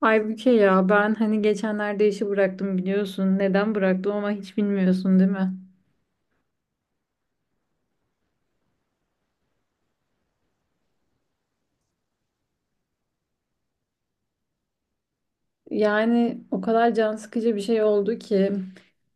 Halbuki ya ben hani geçenlerde işi bıraktım biliyorsun. Neden bıraktım ama hiç bilmiyorsun değil mi? Yani o kadar can sıkıcı bir şey oldu ki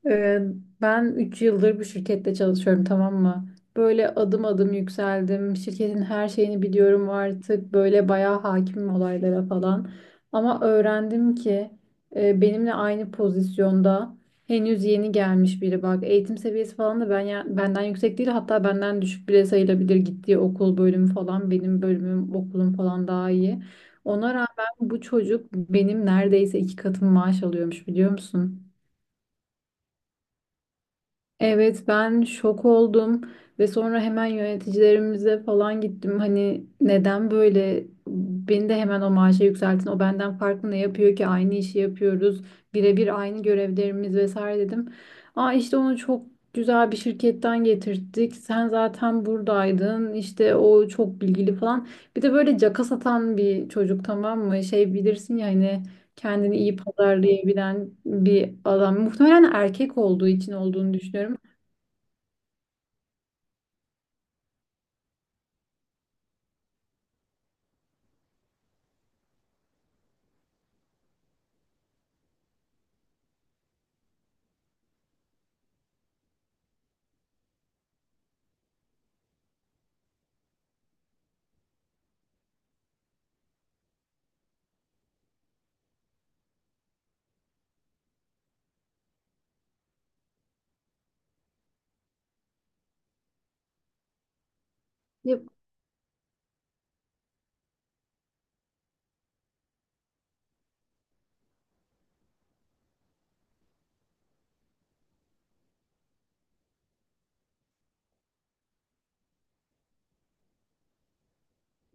e, ben 3 yıldır bu şirkette çalışıyorum, tamam mı? Böyle adım adım yükseldim. Şirketin her şeyini biliyorum artık. Böyle bayağı hakimim olaylara falan. Ama öğrendim ki benimle aynı pozisyonda henüz yeni gelmiş biri, bak. Eğitim seviyesi falan da ben benden yüksek değil, hatta benden düşük bile sayılabilir. Gittiği okul, bölümü falan, benim bölümüm okulum falan daha iyi. Ona bu çocuk benim neredeyse 2 katım maaş alıyormuş, biliyor musun? Evet, ben şok oldum ve sonra hemen yöneticilerimize falan gittim. Hani neden böyle, beni de hemen o maaşa yükseltin. O benden farklı ne yapıyor ki, aynı işi yapıyoruz. Birebir aynı görevlerimiz vesaire dedim. Aa, işte onu çok güzel bir şirketten getirttik, sen zaten buradaydın, İşte o çok bilgili falan. Bir de böyle caka satan bir çocuk, tamam mı? Şey, bilirsin ya hani, kendini iyi pazarlayabilen bir adam. Muhtemelen erkek olduğu için olduğunu düşünüyorum. Ya-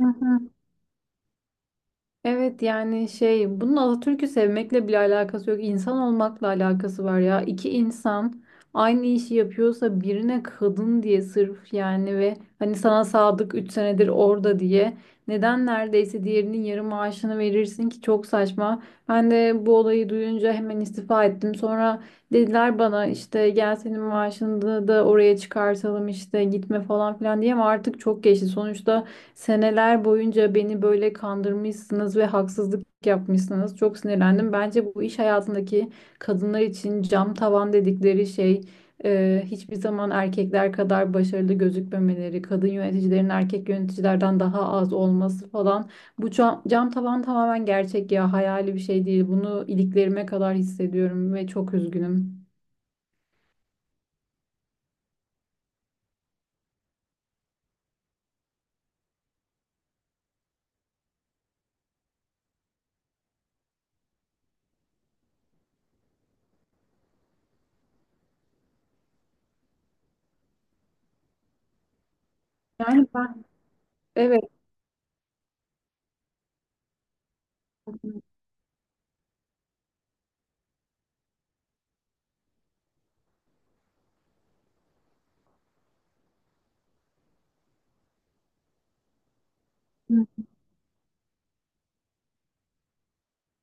Hı hı. Evet, yani şey, bunun Atatürk'ü sevmekle bile alakası yok. İnsan olmakla alakası var ya. İki insan aynı işi yapıyorsa, birine kadın diye sırf yani ve hani sana sadık 3 senedir orada diye neden neredeyse diğerinin yarı maaşını verirsin ki, çok saçma. Ben de bu olayı duyunca hemen istifa ettim. Sonra dediler bana, işte gel senin maaşını da oraya çıkartalım, işte gitme falan filan diye, ama artık çok geçti. Sonuçta seneler boyunca beni böyle kandırmışsınız ve haksızlık yapmışsınız. Çok sinirlendim. Bence bu iş hayatındaki kadınlar için cam tavan dedikleri şey, hiçbir zaman erkekler kadar başarılı gözükmemeleri, kadın yöneticilerin erkek yöneticilerden daha az olması falan. Bu cam tavan tamamen gerçek ya, hayali bir şey değil. Bunu iliklerime kadar hissediyorum ve çok üzgünüm. Yani ben Evet.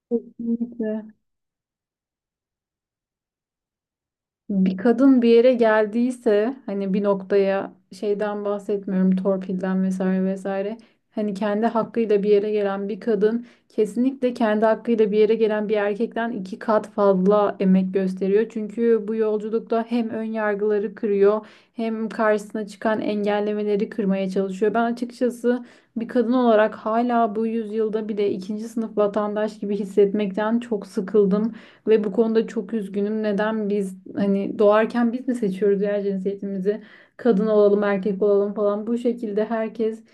Kesinlikle. Bir kadın bir yere geldiyse, hani bir noktaya, şeyden bahsetmiyorum, torpilden vesaire vesaire. Hani kendi hakkıyla bir yere gelen bir kadın kesinlikle kendi hakkıyla bir yere gelen bir erkekten 2 kat fazla emek gösteriyor. Çünkü bu yolculukta hem ön yargıları kırıyor, hem karşısına çıkan engellemeleri kırmaya çalışıyor. Ben açıkçası bir kadın olarak hala bu yüzyılda bile ikinci sınıf vatandaş gibi hissetmekten çok sıkıldım. Ve bu konuda çok üzgünüm. Neden biz, hani doğarken biz mi seçiyoruz ya cinsiyetimizi? Kadın olalım, erkek olalım falan. Bu şekilde herkes,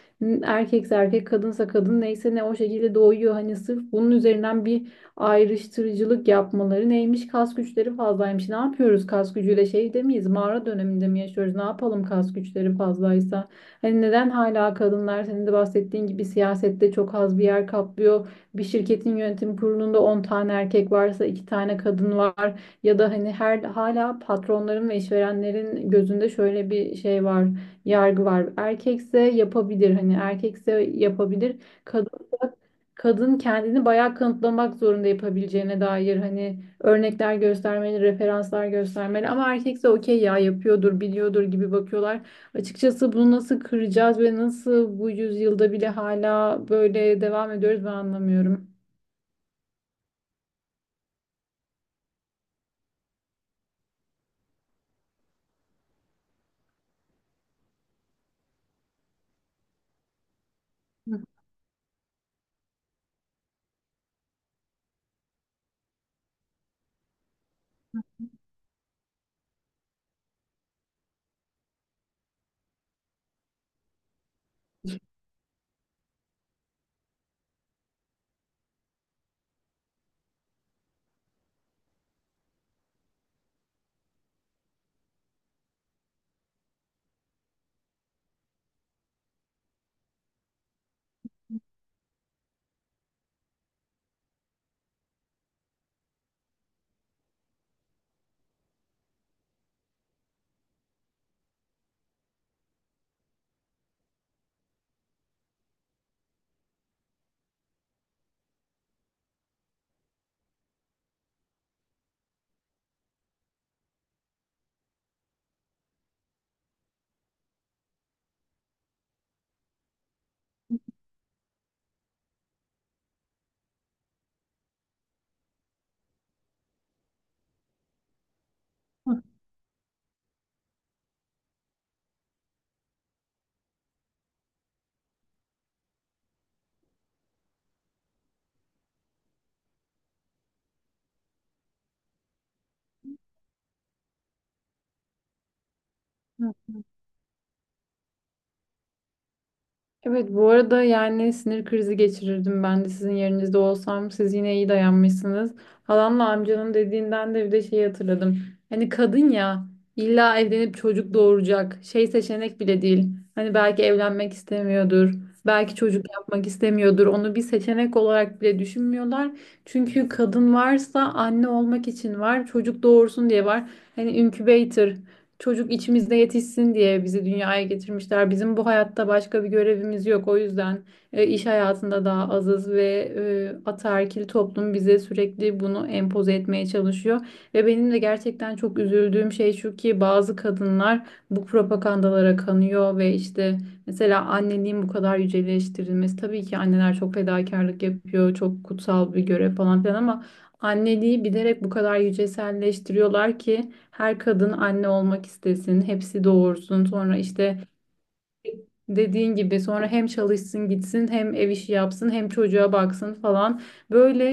erkekse erkek, kadınsa kadın, neyse ne, o şekilde doğuyor. Hani sırf bunun üzerinden bir ayrıştırıcılık yapmaları neymiş? Kas güçleri fazlaymış. Ne yapıyoruz kas gücüyle? Şey miyiz? Mağara döneminde mi yaşıyoruz? Ne yapalım kas güçleri fazlaysa? Hani neden hala kadınlar, senin de bahsettiğin gibi, siyasette çok az bir yer kaplıyor? Bir şirketin yönetim kurulunda 10 tane erkek varsa 2 tane kadın var. Ya da hani her, hala patronların ve işverenlerin gözünde şöyle bir şey var, yargı var. Erkekse yapabilir, hani erkekse yapabilir. Kadınsa kadın kendini bayağı kanıtlamak zorunda, yapabileceğine dair hani örnekler göstermeli, referanslar göstermeli, ama erkekse okey ya, yapıyordur, biliyordur gibi bakıyorlar. Açıkçası bunu nasıl kıracağız ve nasıl bu yüzyılda bile hala böyle devam ediyoruz, ben anlamıyorum. Evet, bu arada yani sinir krizi geçirirdim ben de sizin yerinizde olsam, siz yine iyi dayanmışsınız. Halamla amcanın dediğinden de bir de şeyi hatırladım. Hani kadın ya, illa evlenip çocuk doğuracak, şey, seçenek bile değil. Hani belki evlenmek istemiyordur. Belki çocuk yapmak istemiyordur. Onu bir seçenek olarak bile düşünmüyorlar. Çünkü kadın varsa anne olmak için var. Çocuk doğursun diye var. Hani incubator, çocuk içimizde yetişsin diye bizi dünyaya getirmişler. Bizim bu hayatta başka bir görevimiz yok. O yüzden iş hayatında daha azız ve ataerkil toplum bize sürekli bunu empoze etmeye çalışıyor. Ve benim de gerçekten çok üzüldüğüm şey şu ki, bazı kadınlar bu propagandalara kanıyor ve işte, mesela anneliğin bu kadar yüceleştirilmesi. Tabii ki anneler çok fedakarlık yapıyor, çok kutsal bir görev falan filan ama anneliği bilerek bu kadar yüceselleştiriyorlar ki her kadın anne olmak istesin, hepsi doğursun. Sonra işte, dediğin gibi, sonra hem çalışsın gitsin, hem ev işi yapsın, hem çocuğa baksın falan. Böyle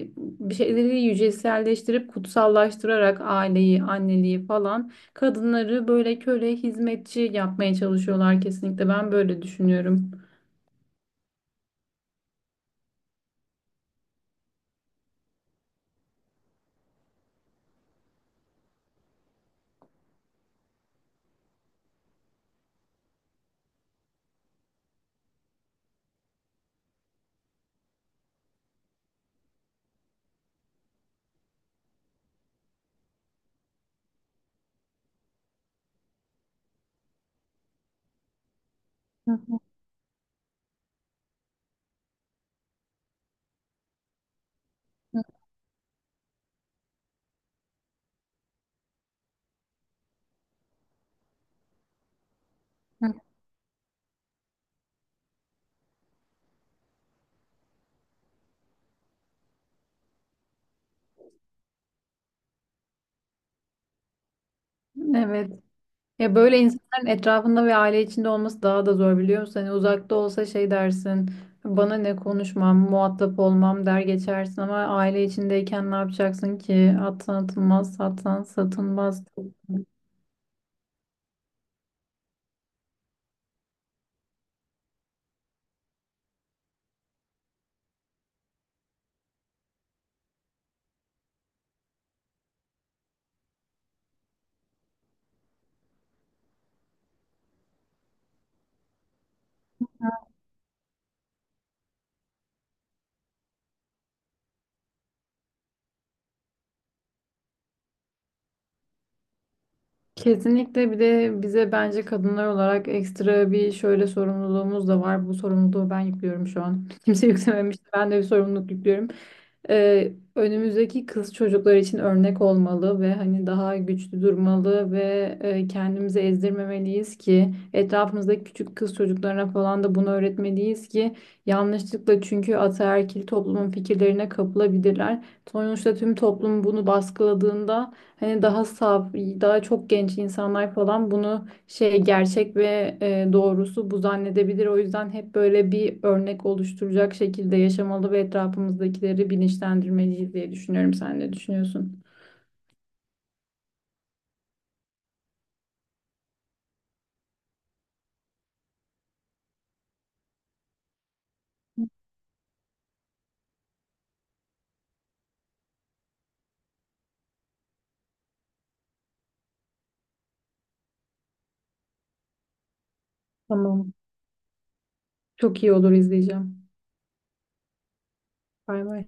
bir şeyleri yüceselleştirip kutsallaştırarak aileyi, anneliği falan, kadınları böyle köle, hizmetçi yapmaya çalışıyorlar kesinlikle. Ben böyle düşünüyorum. Evet. Ya böyle insanların etrafında ve aile içinde olması daha da zor, biliyor musun? Hani uzakta olsa şey dersin, bana ne, konuşmam, muhatap olmam der geçersin, ama aile içindeyken ne yapacaksın ki? Atsan atılmaz, satsan satılmaz. Kesinlikle. Bir de bize bence kadınlar olarak ekstra bir şöyle sorumluluğumuz da var. Bu sorumluluğu ben yüklüyorum şu an. Kimse yüklememişti. Ben de bir sorumluluk yüklüyorum. Önümüzdeki kız çocuklar için örnek olmalı ve hani daha güçlü durmalı ve kendimizi ezdirmemeliyiz ki etrafımızdaki küçük kız çocuklarına falan da bunu öğretmeliyiz ki, yanlışlıkla çünkü ataerkil toplumun fikirlerine kapılabilirler. Sonuçta tüm toplum bunu baskıladığında, hani daha saf, daha çok genç insanlar falan bunu, şey, gerçek ve doğrusu bu zannedebilir. O yüzden hep böyle bir örnek oluşturacak şekilde yaşamalı ve etrafımızdakileri bilinçlendirmeliyiz diye düşünüyorum. Sen ne düşünüyorsun? Tamam. Çok iyi olur, izleyeceğim. Bay bay.